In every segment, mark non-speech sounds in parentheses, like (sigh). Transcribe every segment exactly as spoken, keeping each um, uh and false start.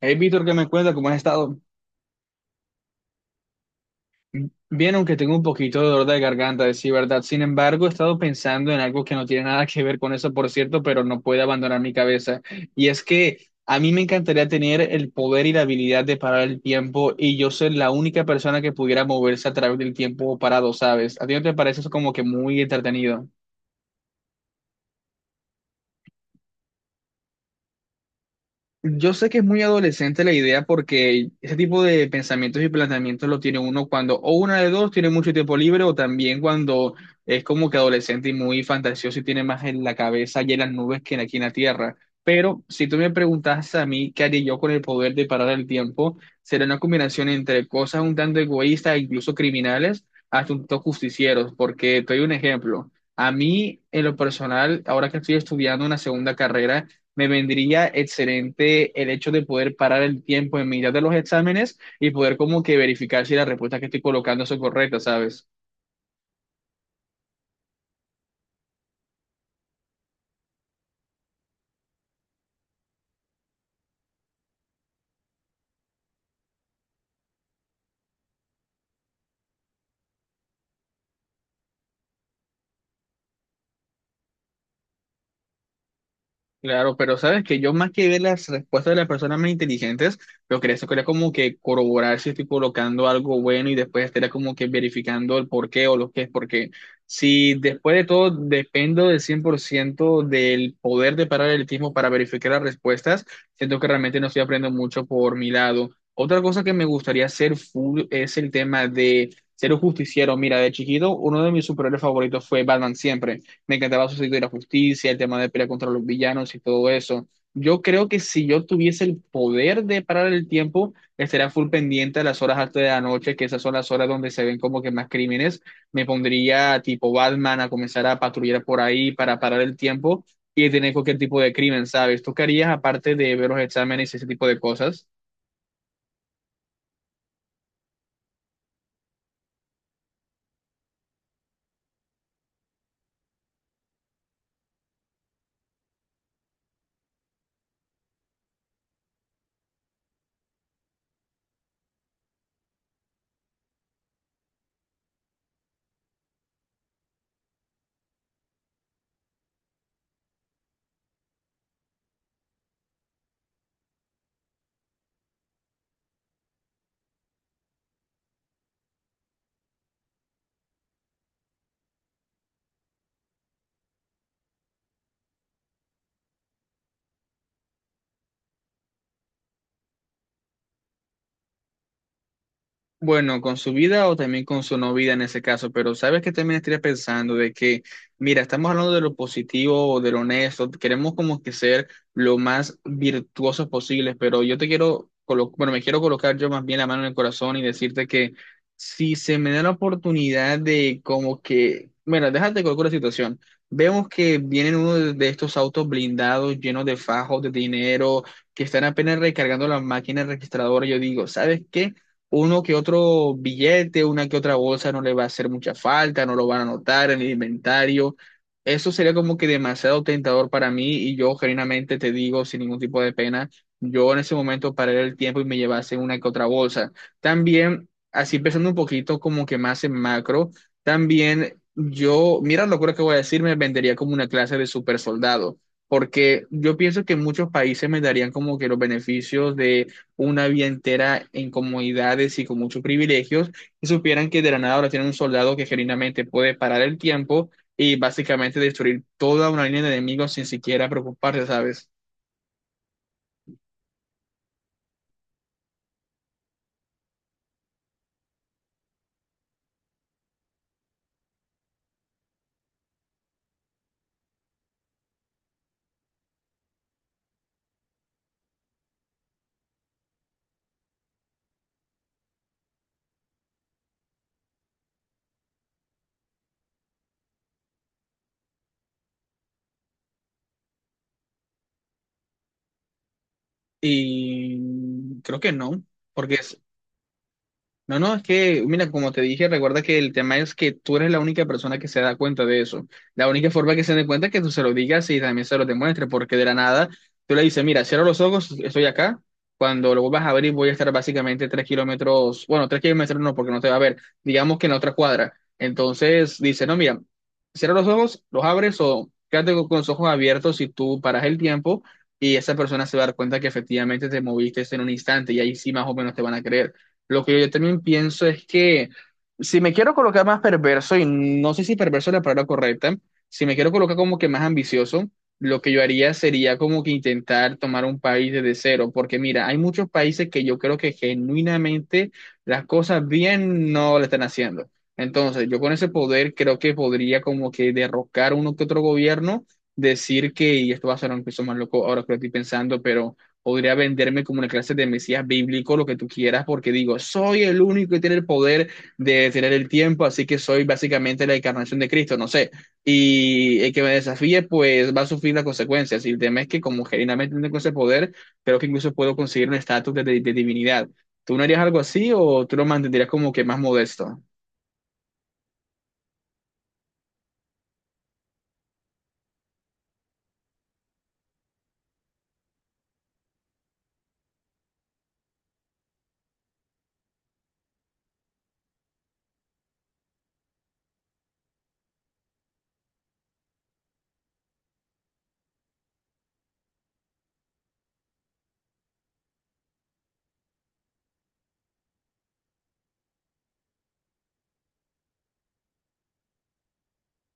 Hey, Víctor, ¿qué me cuenta? ¿Cómo has estado? Bien, aunque tengo un poquito de dolor de garganta, decir verdad. Sin embargo, he estado pensando en algo que no tiene nada que ver con eso, por cierto, pero no puede abandonar mi cabeza. Y es que a mí me encantaría tener el poder y la habilidad de parar el tiempo y yo ser la única persona que pudiera moverse a través del tiempo parado, ¿sabes? ¿A ti no te parece eso como que muy entretenido? Yo sé que es muy adolescente la idea porque ese tipo de pensamientos y planteamientos lo tiene uno cuando o una de dos tiene mucho tiempo libre o también cuando es como que adolescente y muy fantasioso y tiene más en la cabeza y en las nubes que aquí en la tierra. Pero si tú me preguntas a mí qué haría yo con el poder de parar el tiempo, será una combinación entre cosas un tanto egoístas, incluso criminales, hasta un tanto justicieros, porque te doy un ejemplo. A mí, en lo personal, ahora que estoy estudiando una segunda carrera, me vendría excelente el hecho de poder parar el tiempo en mitad de los exámenes y poder como que verificar si las respuestas que estoy colocando son correctas, ¿sabes? Claro, pero sabes que yo más que ver las respuestas de las personas más inteligentes, lo que eso quería como que corroborar si estoy colocando algo bueno y después estaría como que verificando el por qué o lo que es, porque si después de todo dependo del cien por ciento del poder de parar el tiempo para verificar las respuestas, siento que realmente no estoy aprendiendo mucho por mi lado. Otra cosa que me gustaría hacer full es el tema de ser un justiciero. Mira, de chiquito, uno de mis superhéroes favoritos fue Batman, siempre me encantaba su sentido de la justicia, el tema de pelear contra los villanos y todo eso. Yo creo que si yo tuviese el poder de parar el tiempo, estaría full pendiente a las horas altas de la noche, que esas son las horas donde se ven como que más crímenes. Me pondría tipo Batman a comenzar a patrullar por ahí para parar el tiempo y detener cualquier tipo de crimen, ¿sabes? ¿Tú qué harías aparte de ver los exámenes y ese tipo de cosas? Bueno, con su vida o también con su no vida en ese caso, pero sabes que también estaría pensando de que, mira, estamos hablando de lo positivo o de lo honesto, queremos como que ser lo más virtuosos posibles, pero yo te quiero, colo- bueno, me quiero colocar yo más bien la mano en el corazón y decirte que si se me da la oportunidad de como que, bueno, déjate colocar la situación, vemos que vienen uno de de estos autos blindados llenos de fajos, de dinero, que están apenas recargando las máquinas registradoras, yo digo, ¿sabes qué? Uno que otro billete, una que otra bolsa no le va a hacer mucha falta, no lo van a notar en el inventario. Eso sería como que demasiado tentador para mí y yo genuinamente te digo sin ningún tipo de pena, yo en ese momento paré el tiempo y me llevase una que otra bolsa. También, así pensando un poquito como que más en macro, también yo, mira lo que voy a decir, me vendería como una clase de super soldado. Porque yo pienso que muchos países me darían como que los beneficios de una vida entera en comodidades y con muchos privilegios, y supieran que de la nada ahora tienen un soldado que genuinamente puede parar el tiempo y básicamente destruir toda una línea de enemigos sin siquiera preocuparse, ¿sabes? Y creo que no, porque no, no, es que, mira, como te dije, recuerda que el tema es que tú eres la única persona que se da cuenta de eso. La única forma que se dé cuenta es que tú se lo digas y también se lo demuestres, porque de la nada tú le dices, mira, cierro los ojos, estoy acá. Cuando lo vuelvas a abrir, voy a estar básicamente tres kilómetros, bueno, tres kilómetros no, porque no te va a ver, digamos que en la otra cuadra. Entonces dice, no, mira, cierra los ojos, los abres o quédate con con los ojos abiertos y tú paras el tiempo y esa persona se va a dar cuenta que efectivamente te moviste en un instante y ahí sí más o menos te van a creer. Lo que yo también pienso es que si me quiero colocar más perverso, y no sé si perverso es la palabra correcta, si me quiero colocar como que más ambicioso, lo que yo haría sería como que intentar tomar un país desde cero, porque mira, hay muchos países que yo creo que genuinamente las cosas bien no le están haciendo. Entonces, yo con ese poder creo que podría como que derrocar uno que otro gobierno, decir que, y esto va a ser un piso más loco ahora que lo estoy pensando, pero podría venderme como una clase de mesías bíblico, lo que tú quieras, porque digo, soy el único que tiene el poder de detener el tiempo, así que soy básicamente la encarnación de Cristo, no sé. Y el que me desafíe, pues va a sufrir las consecuencias. Y el tema es que como genuinamente tengo ese poder, creo que incluso puedo conseguir un estatus de, de de divinidad. ¿Tú no harías algo así o tú lo mantendrías como que más modesto?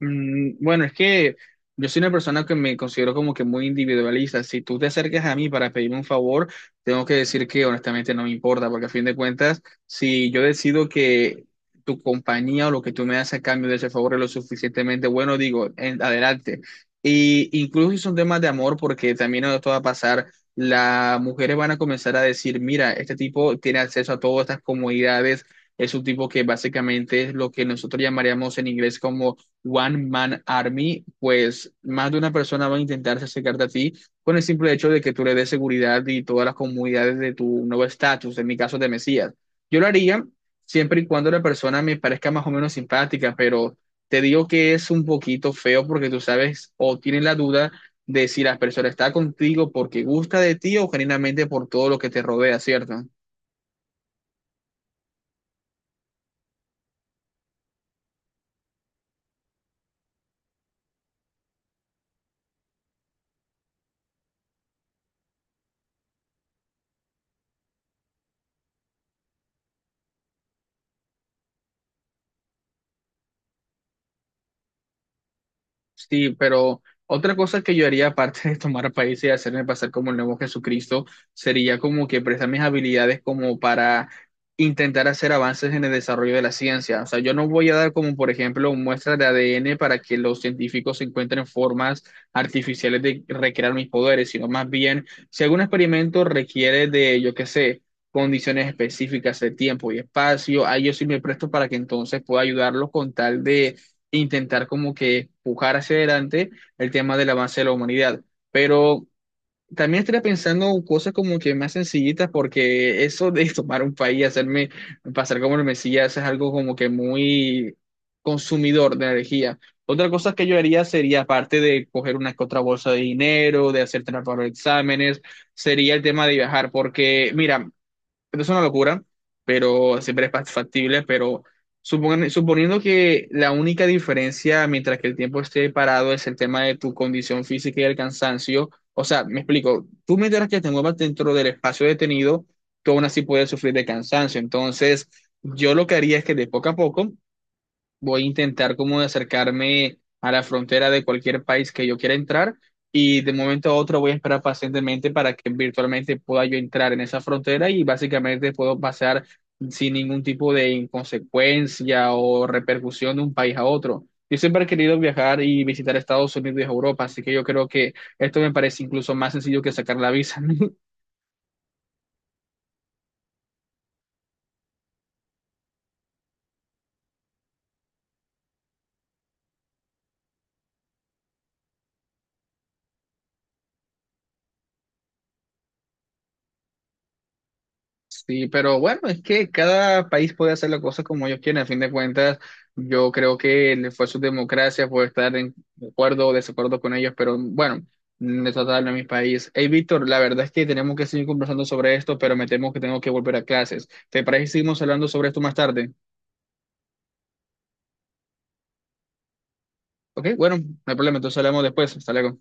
Mm, bueno, es que yo soy una persona que me considero como que muy individualista. Si tú te acercas a mí para pedirme un favor, tengo que decir que honestamente no me importa, porque a fin de cuentas, si yo decido que tu compañía o lo que tú me das a cambio de ese favor es lo suficientemente bueno, digo, en- adelante. Y incluso si son temas de amor, porque también esto va a pasar, las mujeres van a comenzar a decir, mira, este tipo tiene acceso a todas estas comodidades, es un tipo que básicamente es lo que nosotros llamaríamos en inglés como One Man Army, pues más de una persona va a intentarse acercarte a ti con el simple hecho de que tú le des seguridad y todas las comunidades de tu nuevo estatus, en mi caso de Mesías. Yo lo haría siempre y cuando la persona me parezca más o menos simpática, pero te digo que es un poquito feo porque tú sabes o tienes la duda de si la persona está contigo porque gusta de ti o genuinamente por todo lo que te rodea, ¿cierto? Sí, pero otra cosa que yo haría aparte de tomar países y hacerme pasar como el nuevo Jesucristo sería como que prestar mis habilidades como para intentar hacer avances en el desarrollo de la ciencia. O sea, yo no voy a dar como, por ejemplo, muestras de A D N para que los científicos encuentren formas artificiales de recrear mis poderes, sino más bien, si algún experimento requiere de, yo qué sé, condiciones específicas de tiempo y espacio, ahí yo sí me presto para que entonces pueda ayudarlos con tal de intentar como que pujar hacia adelante el tema del avance de la humanidad. Pero también estaría pensando en cosas como que más sencillitas, porque eso de (laughs) tomar un país y hacerme pasar como el Mesías es algo como que muy consumidor de energía. Otra cosa que yo haría sería, aparte de coger una que otra bolsa de dinero, de hacer trampa para los exámenes, sería el tema de viajar, porque mira, esto es una locura, pero siempre es fa- factible, pero supon- suponiendo que la única diferencia mientras que el tiempo esté parado es el tema de tu condición física y el cansancio, o sea, me explico, tú mientras que te muevas dentro del espacio detenido, tú aún así puedes sufrir de cansancio, entonces yo lo que haría es que de poco a poco voy a intentar como acercarme a la frontera de cualquier país que yo quiera entrar y de momento a otro voy a esperar pacientemente para que virtualmente pueda yo entrar en esa frontera y básicamente puedo pasar sin ningún tipo de inconsecuencia o repercusión de un país a otro. Yo siempre he querido viajar y visitar Estados Unidos y Europa, así que yo creo que esto me parece incluso más sencillo que sacar la visa. (laughs) Sí, pero bueno, es que cada país puede hacer las cosas como ellos quieren. A fin de cuentas, yo creo que le fue su democracia, puede estar en acuerdo o desacuerdo con ellos, pero bueno, me trata de hablar de mi país. Hey, Víctor, la verdad es que tenemos que seguir conversando sobre esto, pero me temo que tengo que volver a clases. ¿Te parece que seguimos hablando sobre esto más tarde? Ok, bueno, no hay problema, entonces hablamos después. Hasta luego.